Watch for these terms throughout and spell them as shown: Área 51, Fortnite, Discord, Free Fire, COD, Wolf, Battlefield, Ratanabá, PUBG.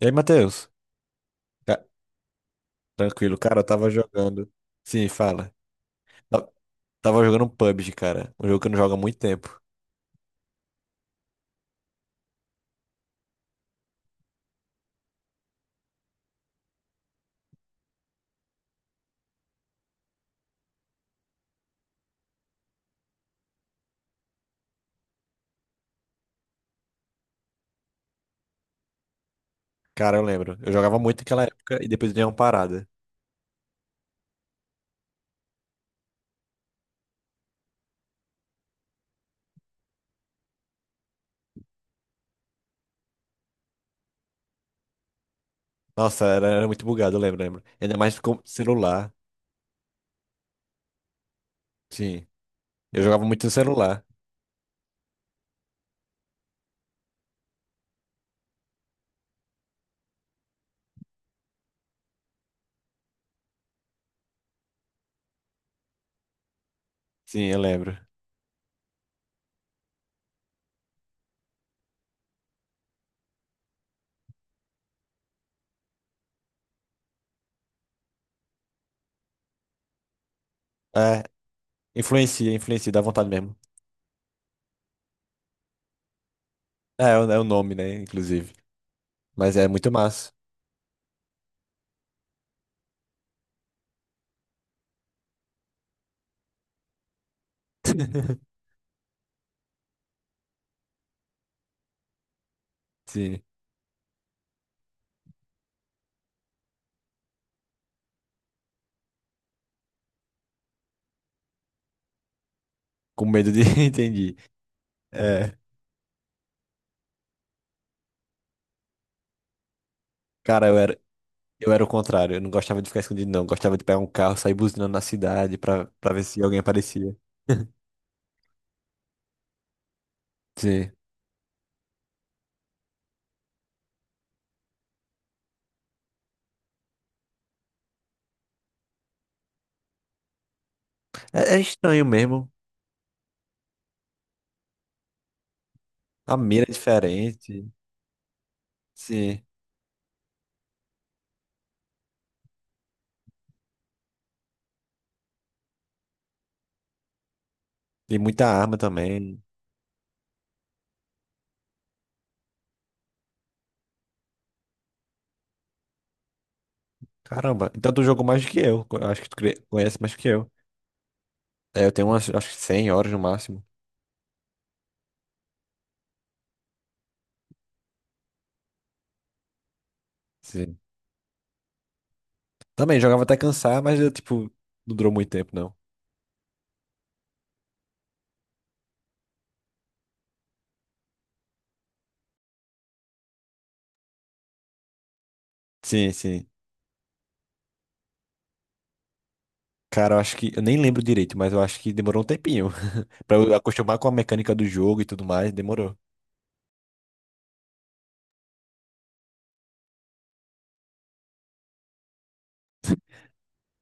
E aí, Matheus? Ca- Tranquilo, cara, eu tava jogando. Sim, fala. Ta- Tava jogando um PUBG, cara. Um jogo que eu não jogo há muito tempo. Cara, eu lembro. Eu jogava muito naquela época e depois deu uma parada. Nossa, era muito bugado, eu lembro, lembro. Ainda mais com celular. Sim. Eu jogava muito no celular. Sim, eu lembro. É, influencia, influencia, dá vontade mesmo. É, é o nome, né, inclusive. Mas é muito massa. Sim, com medo de... Entendi. É, cara, eu era o contrário. Eu não gostava de ficar escondido, não. Eu gostava de pegar um carro, sair buzinando na cidade pra ver se alguém aparecia. Sim. É, é estranho mesmo. A mira é diferente. Sim. E muita arma também. Caramba. Então tu jogou mais do que eu. Eu acho que tu conhece mais do que eu. É, eu tenho umas, acho que 100 horas no máximo. Também jogava até cansar, mas eu, tipo, não durou muito tempo, não. Sim, sim. Cara, eu acho que. Eu nem lembro direito, mas eu acho que demorou um tempinho. Pra eu acostumar com a mecânica do jogo e tudo mais, demorou.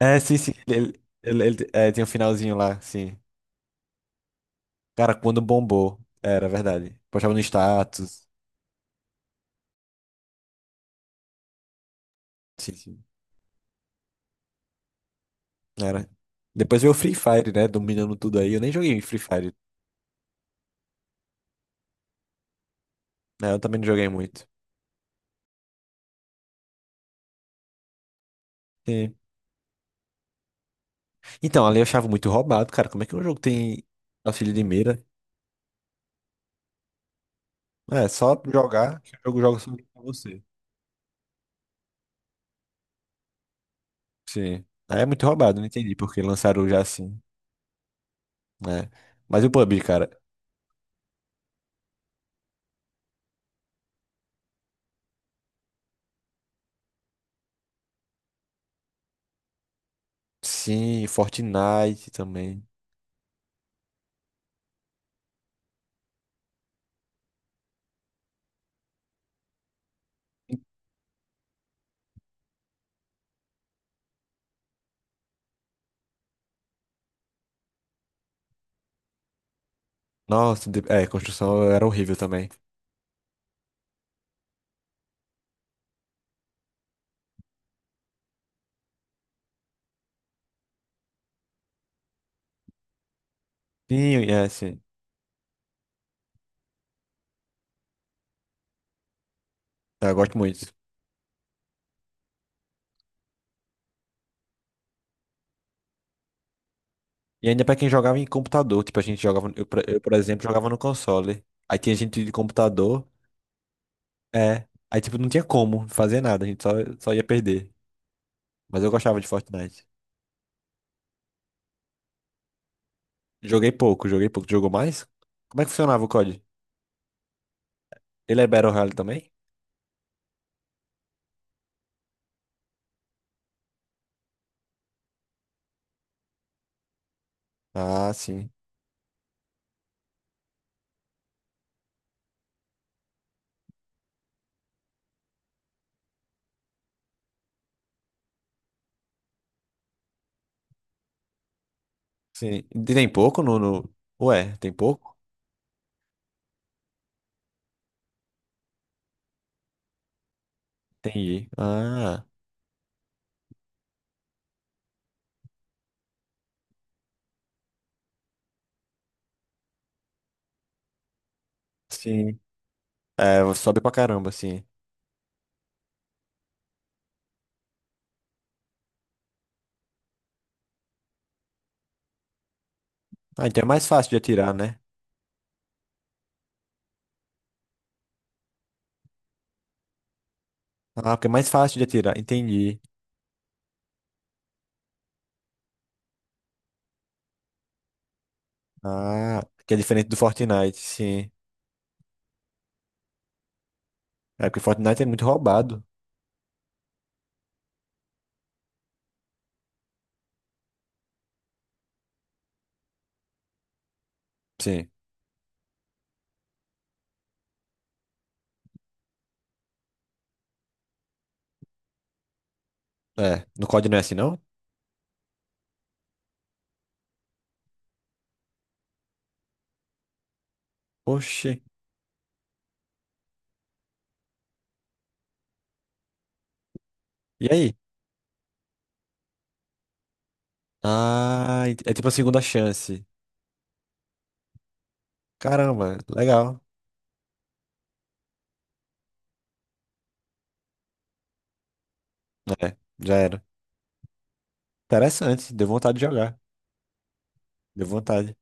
É, sim, sim. É, tem um finalzinho lá, sim. Cara, quando bombou. Era verdade. Postava no status. Sim, sim. Era. Depois veio o Free Fire, né? Dominando tudo aí. Eu nem joguei Free Fire. Né, eu também não joguei muito. Sim. Então, ali eu achava muito roubado, cara. Como é que um jogo tem auxílio de mira? É, só jogar que o jogo joga sobre você. Sim. Aí é muito roubado, não entendi porque lançaram já assim, né? Mas e o PUBG, cara? Sim, Fortnite também. Nossa, é, construção era horrível também. Sim, é, sim. Eu gosto muito. E ainda pra quem jogava em computador, tipo, a gente jogava, eu, eu, por exemplo, jogava no console. Aí tinha gente de computador, é. Aí, tipo, não tinha como fazer nada, a gente só, só ia perder. Mas eu gostava de Fortnite. Joguei pouco, joguei pouco. Jogou mais? Como é que funcionava o COD? Ele é Battle Royale também? Ah, sim. Sim. E tem pouco no, no... Ué, tem pouco? Entendi. Ah, sim. É, sobe pra caramba, sim. Ah, então é mais fácil de atirar, né? Ah, porque é mais fácil de atirar. Entendi. Ah, que é diferente do Fortnite, sim. É porque Fortnite é muito roubado. Sim. É. No COD não é assim, não? Oxi. E aí? Ah, é tipo a segunda chance. Caramba, legal. É, já era. Interessante. Deu vontade de jogar. Deu vontade.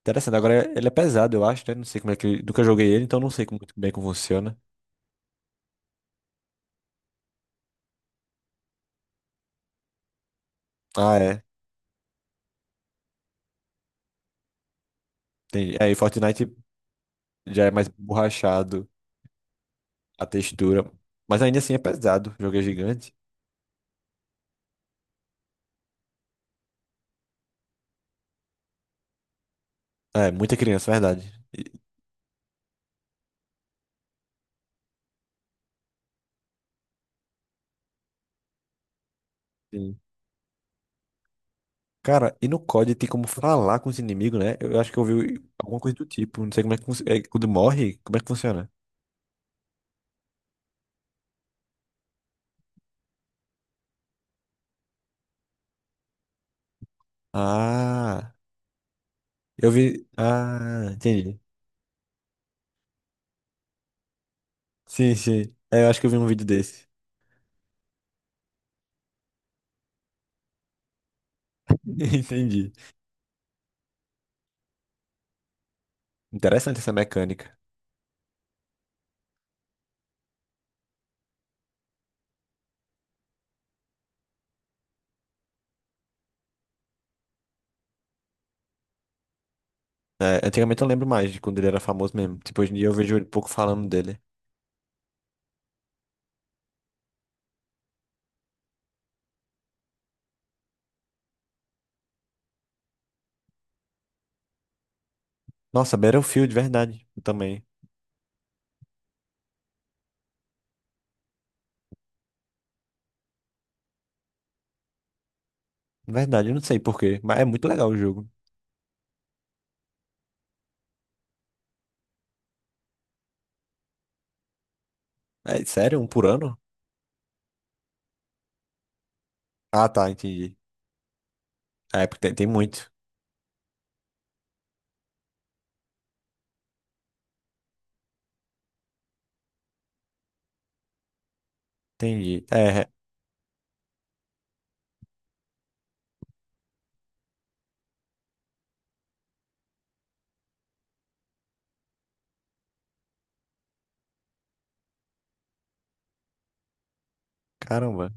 Interessante, agora ele é pesado, eu acho, né? Não sei como é que. Nunca joguei ele, então não sei muito bem como funciona. Ah, é. Entendi. É, e Fortnite já é mais borrachado a textura. Mas ainda assim é pesado. O jogo é gigante. É, muita criança, verdade. Sim. Cara, e no COD tem como falar com os inimigos, né? Eu acho que eu ouvi alguma coisa do tipo. Não sei como é que é, quando morre, como é que funciona? Ah, eu vi. Ah, entendi. Sim, sim. É, eu acho que eu vi um vídeo desse. Entendi. Interessante essa mecânica. É, antigamente eu lembro mais de quando ele era famoso mesmo. Tipo, hoje em dia eu vejo ele um pouco falando dele. Nossa, Battlefield, verdade. Eu também. Verdade, eu não sei por quê, mas é muito legal o jogo. É sério? Um por ano? Ah, tá, entendi. É, porque tem, tem muito. Entendi. É, é. Caramba.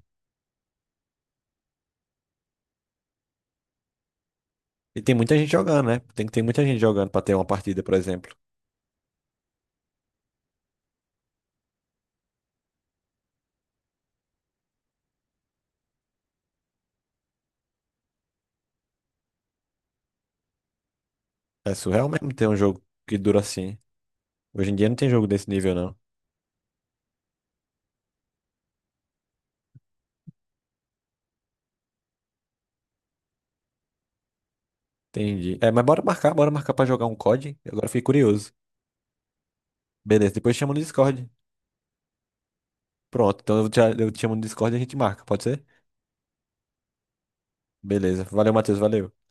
E tem muita gente jogando, né? Tem que ter muita gente jogando pra ter uma partida, por exemplo. É surreal mesmo ter um jogo que dura assim. Hoje em dia não tem jogo desse nível, não. Entendi. É, mas bora marcar pra jogar um COD. Agora eu fiquei curioso. Beleza, depois chama no Discord. Pronto, então eu te chamo no Discord e a gente marca, pode ser? Beleza. Valeu, Matheus. Valeu.